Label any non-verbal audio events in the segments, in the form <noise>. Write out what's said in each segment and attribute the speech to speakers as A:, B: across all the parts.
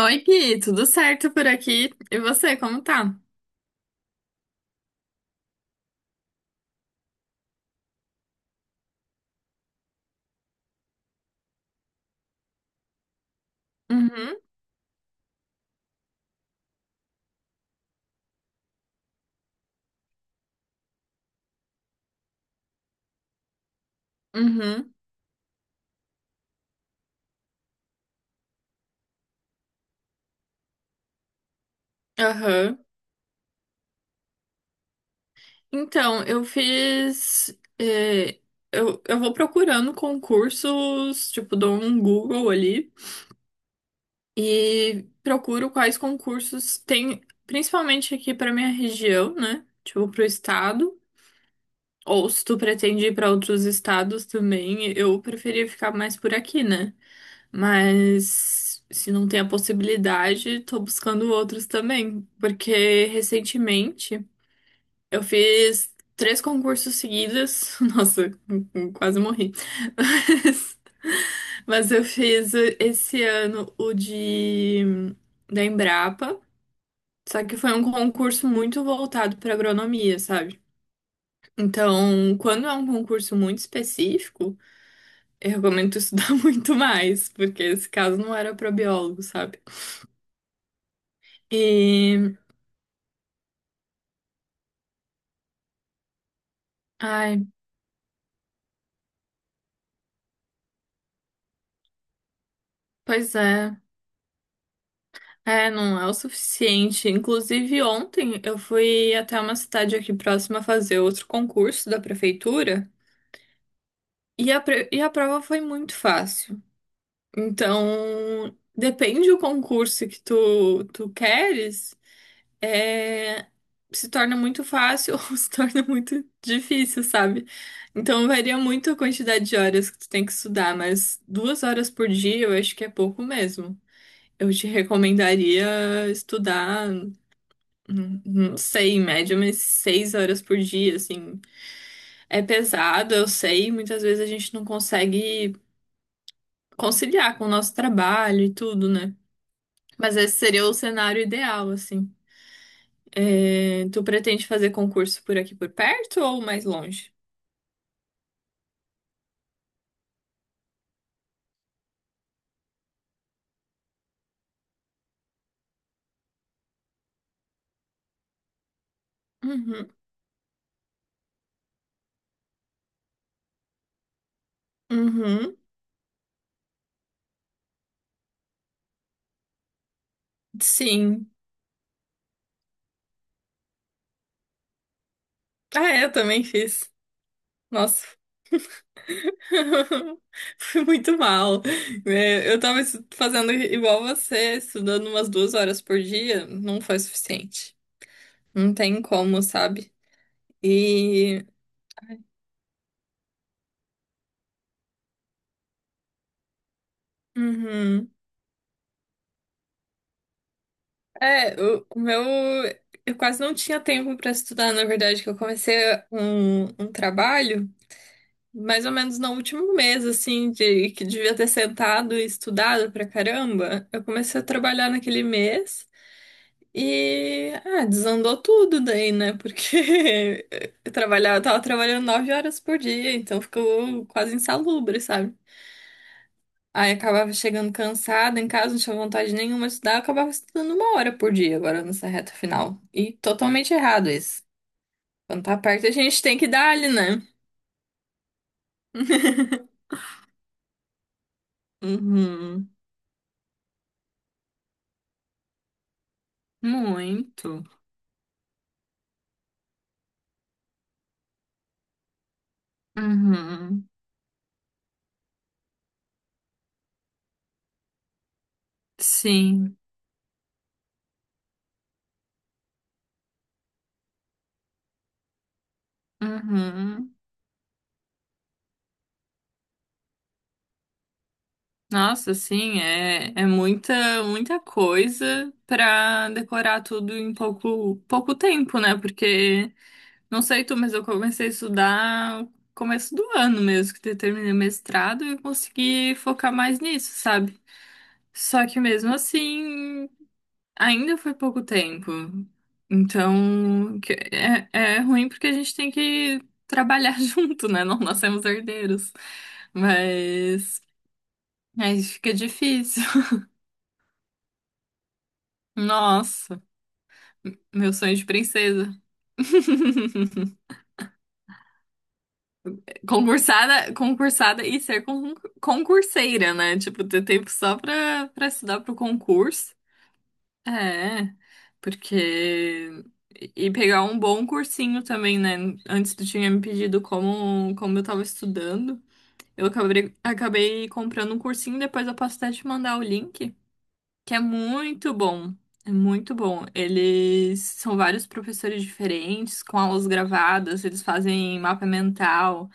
A: Oi, Gui, tudo certo por aqui? E você, como tá? Uhum, uhum, aham. Então, eu fiz. eh, eu vou procurando concursos, tipo, dou um Google ali e procuro quais concursos tem, principalmente aqui pra minha região, né? Tipo, pro estado. Ou se tu pretende ir pra outros estados também, eu preferia ficar mais por aqui, né? Mas se não tem a possibilidade, tô buscando outros também. Porque recentemente eu fiz três concursos seguidos. <laughs> Nossa, quase morri. Mas, mas eu fiz esse ano o de da Embrapa. Só que foi um concurso muito voltado para agronomia, sabe? Então, quando é um concurso muito específico, eu recomendo tu estudar <laughs> muito mais, porque esse caso não era para biólogo, sabe? E, ai, pois é. É, não é o suficiente. Inclusive, ontem eu fui até uma cidade aqui próxima fazer outro concurso da prefeitura e a prova foi muito fácil. Então, depende do concurso que tu queres, é, se torna muito fácil <laughs> ou se torna muito difícil, sabe? Então, varia muito a quantidade de horas que tu tem que estudar, mas 2 horas por dia eu acho que é pouco mesmo. Eu te recomendaria estudar, não sei, em média, mas 6 horas por dia, assim. É pesado, eu sei, muitas vezes a gente não consegue conciliar com o nosso trabalho e tudo, né? Mas esse seria o cenário ideal, assim. É, tu pretende fazer concurso por aqui por perto ou mais longe? Uhum, uhum, sim. Ah, é, eu também fiz. Nossa, <laughs> fui muito mal. É, eu tava fazendo igual você, estudando umas 2 horas por dia, não foi suficiente. Não tem como, sabe? E. Uhum. É, o meu. Eu quase não tinha tempo pra estudar, na verdade, que eu comecei um trabalho mais ou menos no último mês, assim, de que devia ter sentado e estudado pra caramba. Eu comecei a trabalhar naquele mês. E ah, desandou tudo daí, né? Porque <laughs> eu tava trabalhando 9 horas por dia, então ficou quase insalubre, sabe? Aí acabava chegando cansada em casa, não tinha vontade nenhuma de estudar, eu acabava estudando 1 hora por dia agora nessa reta final. E totalmente errado isso. Quando tá perto, a gente tem que dar ali, né? Uhum. Muito. Uhum. Sim. Uhum. Nossa, sim, é muita, muita coisa pra decorar tudo em pouco, pouco tempo, né? Porque, não sei tu, mas eu comecei a estudar no começo do ano mesmo, que eu terminei o mestrado e eu consegui focar mais nisso, sabe? Só que mesmo assim, ainda foi pouco tempo. Então, é ruim porque a gente tem que trabalhar <laughs> junto, né? Não nascemos herdeiros. Mas, aí fica difícil. Nossa, meu sonho de princesa. <laughs> Concursada, concursada e ser concurseira, né? Tipo, ter tempo só pra estudar pro concurso. É, porque. E pegar um bom cursinho também, né? Antes tu tinha me pedido como eu tava estudando. Eu acabei comprando um cursinho, depois eu posso até te mandar o link. Que é muito bom. É muito bom. Eles são vários professores diferentes, com aulas gravadas, eles fazem mapa mental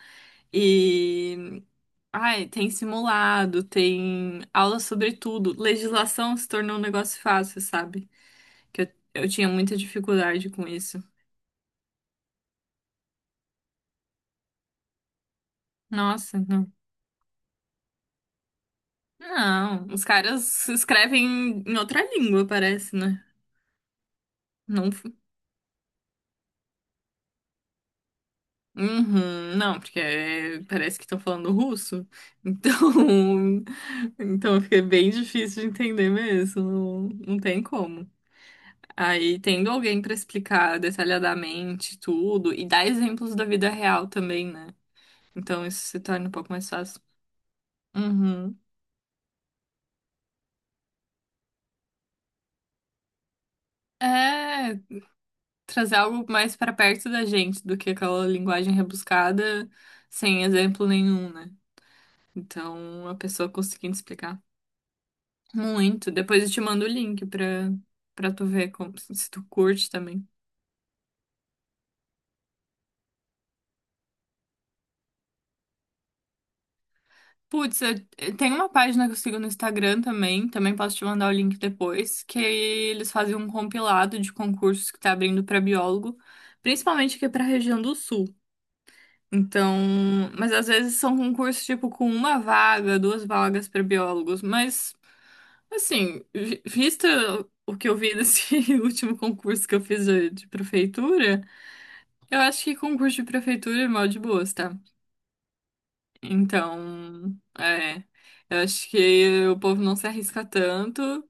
A: e ai, tem simulado, tem aula sobre tudo. Legislação se tornou um negócio fácil, sabe? Que eu tinha muita dificuldade com isso. Nossa, não. Não, os caras escrevem em outra língua, parece, né? Não, uhum, não, porque parece que estão falando russo, então, <laughs> então fica bem difícil de entender mesmo, não, não tem como. Aí, tendo alguém para explicar detalhadamente tudo e dar exemplos da vida real também, né? Então, isso se torna um pouco mais fácil. Uhum. É, trazer algo mais para perto da gente do que aquela linguagem rebuscada sem exemplo nenhum, né? Então, a pessoa conseguindo explicar. Muito. Depois eu te mando o link pra tu ver se tu curte também. Putz, tem uma página que eu sigo no Instagram também posso te mandar o link depois, que eles fazem um compilado de concursos que tá abrindo pra biólogo, principalmente aqui pra região do Sul. Então, mas às vezes são concursos tipo com uma vaga, duas vagas pra biólogos, mas assim, visto o que eu vi desse <laughs> último concurso que eu fiz de prefeitura. Eu acho que concurso de prefeitura é mal de boas, tá? Então, é. Eu acho que o povo não se arrisca tanto,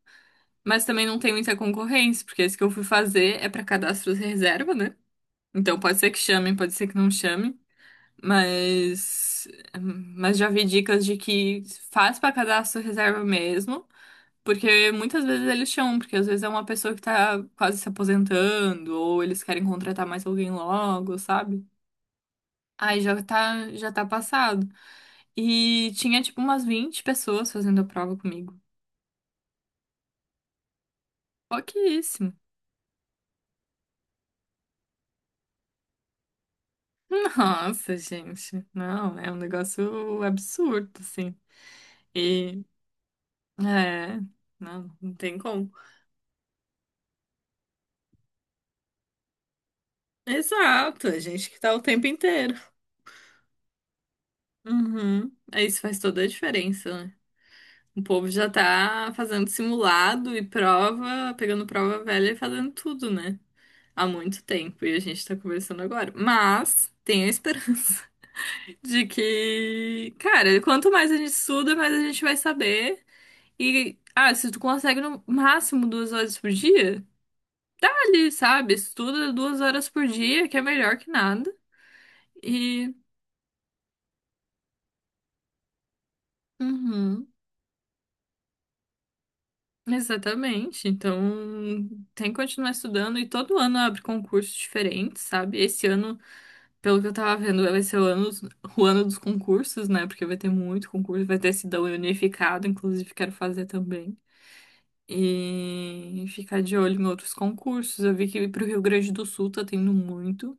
A: mas também não tem muita concorrência, porque esse que eu fui fazer é pra cadastro de reserva, né? Então pode ser que chamem, pode ser que não chamem, mas já vi dicas de que faz pra cadastro de reserva mesmo, porque muitas vezes eles chamam, porque às vezes é uma pessoa que tá quase se aposentando, ou eles querem contratar mais alguém logo, sabe? Aí já tá passado. E tinha tipo umas 20 pessoas fazendo a prova comigo. Pouquíssimo. <laughs> Nossa, gente. Não, é um negócio absurdo, assim. E é, não, não tem como. Exato, a gente que tá o tempo inteiro. Uhum. É, isso faz toda a diferença, né? O povo já tá fazendo simulado e prova, pegando prova velha e fazendo tudo, né? Há muito tempo e a gente tá conversando agora. Mas tenho a esperança <laughs> de que, cara, quanto mais a gente estuda, mais a gente vai saber. E, ah, se tu consegue no máximo 2 horas por dia, tá ali, sabe? Estuda duas horas por dia, que é melhor que nada. E. Uhum. Exatamente. Então, tem que continuar estudando e todo ano abre concursos diferentes, sabe? Esse ano, pelo que eu tava vendo, vai ser o ano dos concursos, né? Porque vai ter muito concurso, vai ter Sidão unificado, inclusive quero fazer também. E ficar de olho em outros concursos. Eu vi que pro Rio Grande do Sul tá tendo muito.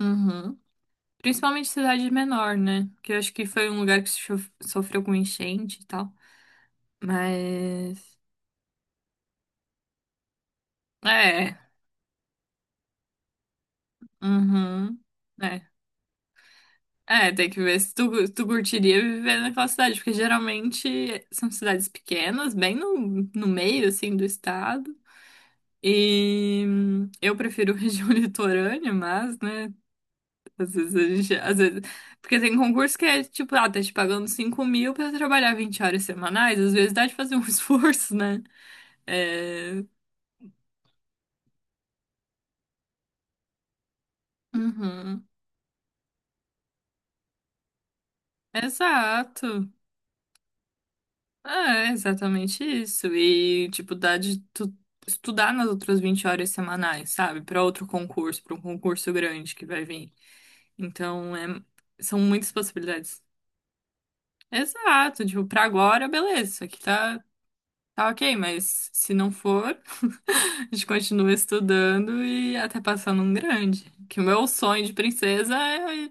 A: Uhum. Principalmente cidade menor, né? Que eu acho que foi um lugar que sofreu com enchente e tal. Mas. É. Uhum. É. É, tem que ver se tu curtiria viver naquela cidade, porque geralmente são cidades pequenas, bem no meio, assim, do estado. E eu prefiro <laughs> região litorânea, mas, né, às vezes a gente, às vezes. Porque tem concurso que é, tipo, ah, tá te pagando 5.000 pra trabalhar 20 horas semanais, às vezes dá de fazer um <laughs> esforço, né? É. Uhum. Exato. É, exatamente isso. E, tipo, dá de tu estudar nas outras 20 horas semanais, sabe? Pra outro concurso, pra um concurso grande que vai vir. Então, é, são muitas possibilidades. Exato, tipo, pra agora, beleza, isso aqui tá ok, mas se não for, <laughs> a gente continua estudando e até passar num grande. Que o meu sonho de princesa é,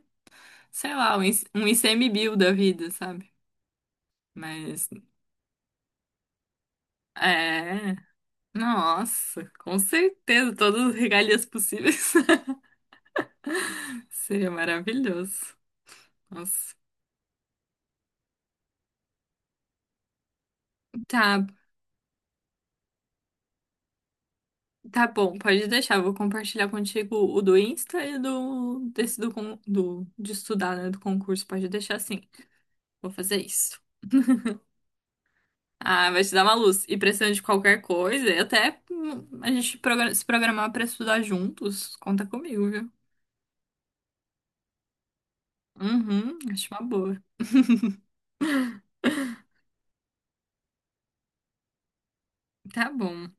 A: sei lá, um IC um ICMBio da vida, sabe? Mas, é. Nossa, com certeza, todas as regalias possíveis. <laughs> Seria maravilhoso. Nossa. Tá, tá bom, pode deixar. Vou compartilhar contigo o do Insta e do desse do de estudar, né, do concurso. Pode deixar assim. Vou fazer isso. Ah, vai te dar uma luz. E precisando de qualquer coisa, e até a gente se programar pra estudar juntos, conta comigo, viu? Uhum, acho uma boa. <laughs> Tá bom.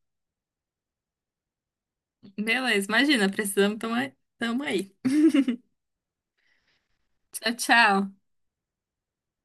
A: Beleza, imagina, precisamos, tamo aí. Tchau, tchau.